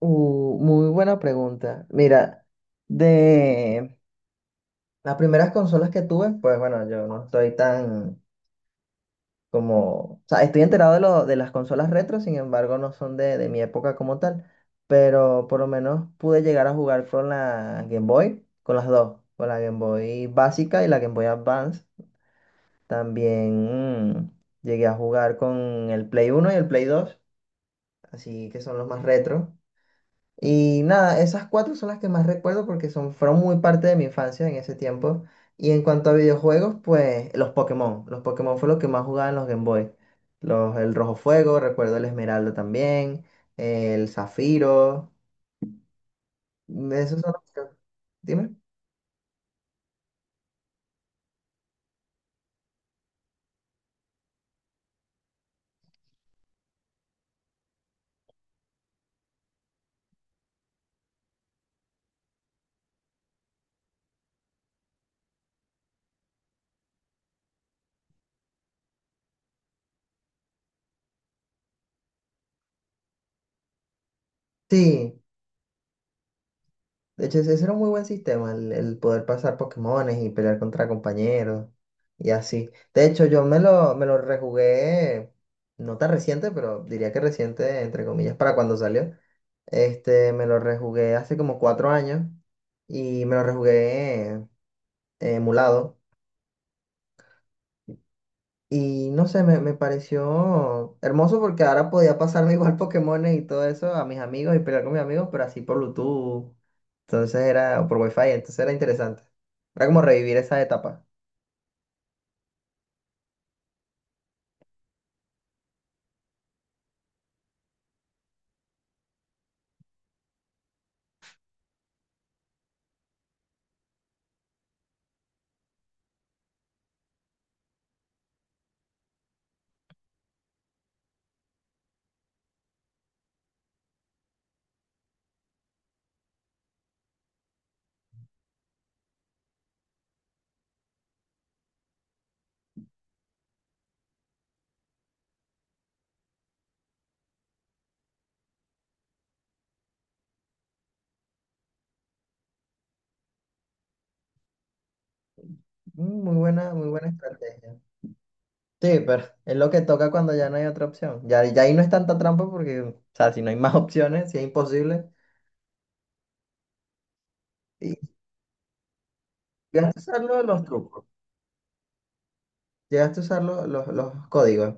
Muy buena pregunta. Mira, de las primeras consolas que tuve, pues bueno, yo no estoy tan como, o sea, estoy enterado de, lo, de las consolas retro, sin embargo, no son de mi época como tal, pero por lo menos pude llegar a jugar con la Game Boy, con las dos, con la Game Boy básica y la Game Boy Advance. También llegué a jugar con el Play 1 y el Play 2, así que son los más retro. Y nada, esas cuatro son las que más recuerdo porque son, fueron muy parte de mi infancia en ese tiempo. Y en cuanto a videojuegos, pues los Pokémon. Los Pokémon fue lo que más jugaba en los Game Boy. Los, el Rojo Fuego, recuerdo el Esmeralda también, el Zafiro. Esos son los que... Dime. Sí, de hecho ese era un muy buen sistema, el poder pasar Pokémones y pelear contra compañeros y así. De hecho yo me lo rejugué, no tan reciente, pero diría que reciente, entre comillas, para cuando salió. Este, me lo rejugué hace como cuatro años y me lo rejugué emulado. Y no sé, me pareció hermoso porque ahora podía pasarme igual Pokémones y todo eso a mis amigos y pelear con mis amigos, pero así por Bluetooth. Entonces era, o por Wi-Fi, entonces era interesante. Era como revivir esa etapa. Mm, muy buena, muy buena estrategia. Sí, pero es lo que toca cuando ya no hay otra opción. Ya, ya ahí no es tanta trampa porque, o sea, si no hay más opciones, si es imposible. Y ya usar lo de los trucos. Llegaste a usar los códigos.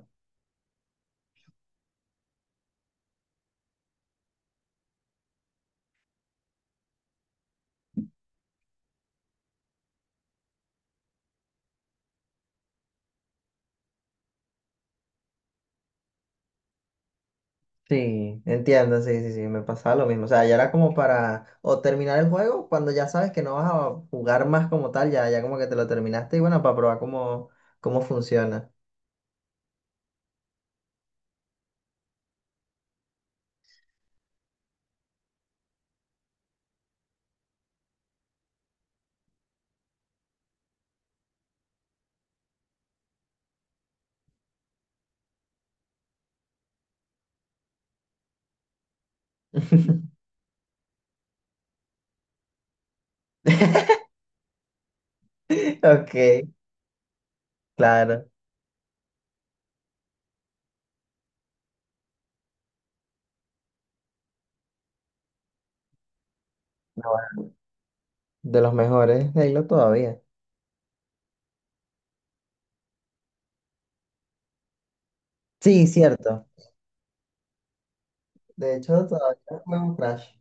Sí, entiendo, sí, sí, sí, me pasaba lo mismo. O sea, ya era como para o terminar el juego cuando ya sabes que no vas a jugar más como tal, ya, ya como que te lo terminaste y bueno, para probar cómo, cómo funciona. Ok, claro. No, bueno, de los mejores de Halo todavía. Sí, cierto. De hecho, todavía juego Crash.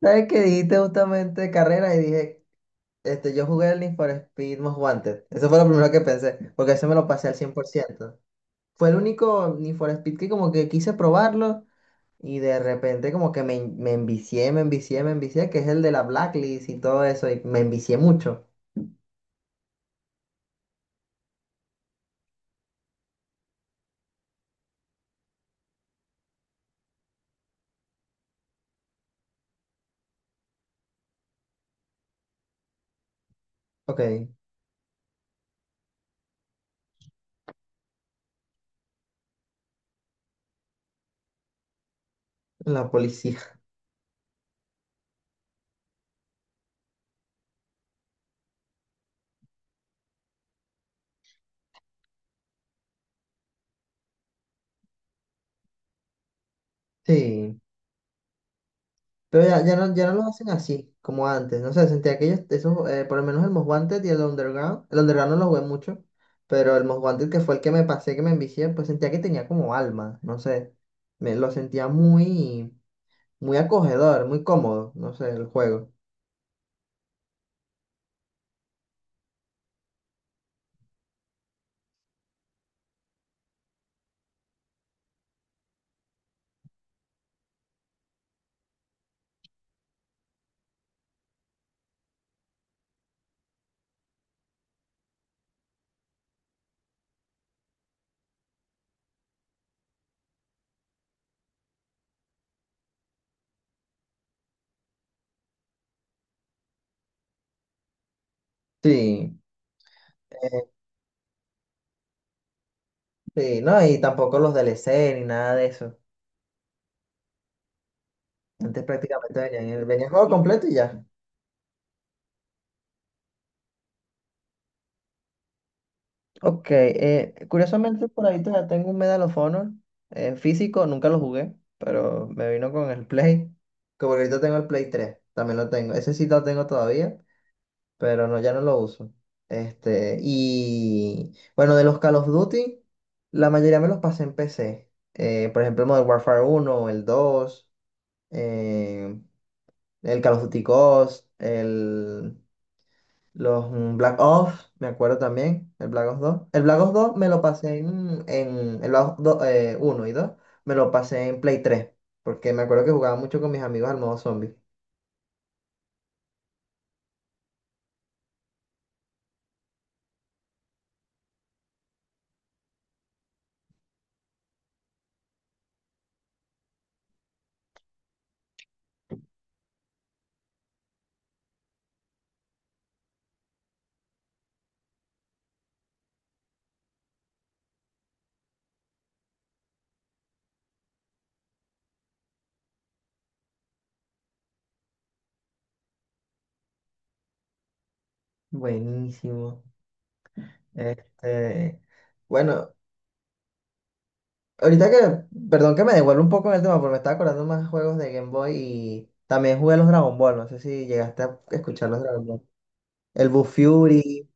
¿Sabes qué dijiste justamente de carrera? Y dije, este, yo jugué el Need for Speed Most Wanted. Eso fue lo primero que pensé, porque ese me lo pasé al cien por ciento. Fue el único Need for Speed que como que quise probarlo y de repente como que me envicié, me envicié, me envicié, que es el de la Blacklist y todo eso, y me envicié mucho. Ok, la policía. Sí, pero ya, ya no, ya no los hacen así como antes, no sé, sentía que ellos, esos, por lo menos el Most Wanted y el Underground no lo jugué mucho, pero el Most Wanted que fue el que me pasé, que me envicié, pues sentía que tenía como alma, no sé, me lo sentía muy, muy acogedor, muy cómodo, no sé, el juego. Sí. Sí, no, y tampoco los DLC ni nada de eso. Antes prácticamente venía el juego completo y ya. Ok, curiosamente por ahí todavía tengo un Medal of Honor físico, nunca lo jugué, pero me vino con el Play. Como que ahorita tengo el Play tres también lo tengo. Ese sí lo tengo todavía, pero no, ya no lo uso. Este, y bueno, de los Call of Duty, la mayoría me los pasé en PC. Por ejemplo, el Modern Warfare 1, el 2 eh, el Call of Duty Ghost, los Black Ops, me acuerdo también, el Black Ops dos. El Black Ops dos me lo pasé en el Black Ops 2, uno y 2 me lo pasé en Play tres porque me acuerdo que jugaba mucho con mis amigos al modo zombie. Buenísimo. Este, bueno, ahorita que, perdón que me devuelvo un poco en el tema, porque me estaba acordando más juegos de Game Boy y también jugué los Dragon Ball, no sé si llegaste a escuchar los Dragon Ball. El Buu Fury.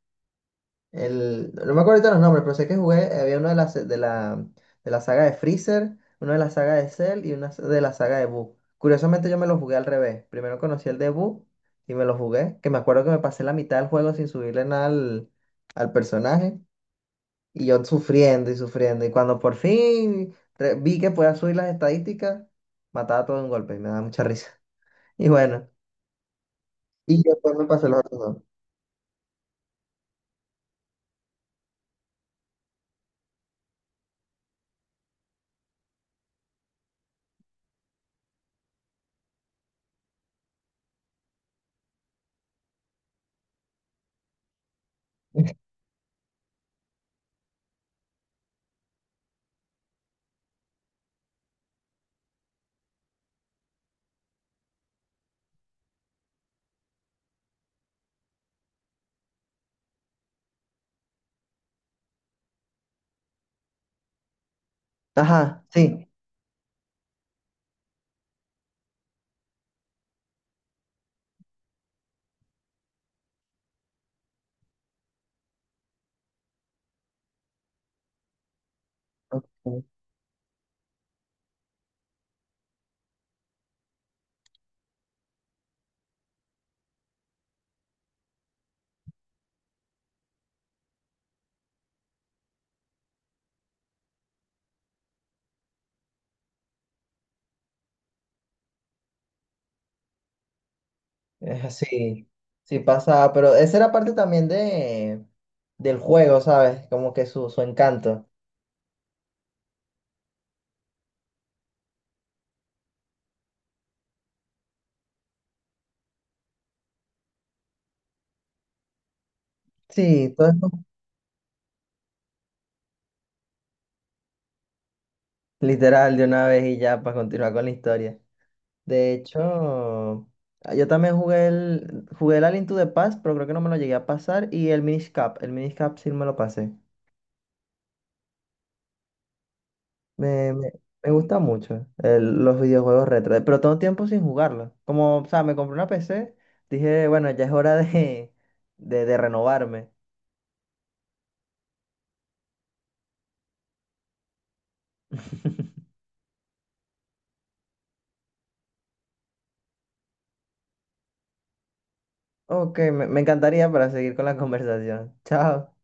El, no me acuerdo ahorita los nombres, pero sé que jugué, había una de las de la saga de Freezer, una de la saga de Cell y una de la saga de Boo. Curiosamente yo me lo jugué al revés. Primero conocí el de Boo y me lo jugué, que me acuerdo que me pasé la mitad del juego sin subirle nada al personaje y yo sufriendo y sufriendo. Y cuando por fin vi que podía subir las estadísticas, mataba todo de un golpe y me daba mucha risa. Y bueno, y después me pasé los otros dos. Ajá, sí. Es así, sí pasaba, pero esa era parte también del juego, ¿sabes? Como que su encanto. Sí, todo eso literal de una vez y ya para continuar con la historia. De hecho, ah, yo también jugué jugué el Alien to the Past, pero creo que no me lo llegué a pasar, y el Minish Cap sí me lo pasé. Me, me, me gusta mucho los videojuegos retro, pero todo tiempo sin jugarlo. Como, o sea, me compré una PC, dije, bueno, ya es hora de renovarme. Ok, me encantaría para seguir con la conversación. Chao.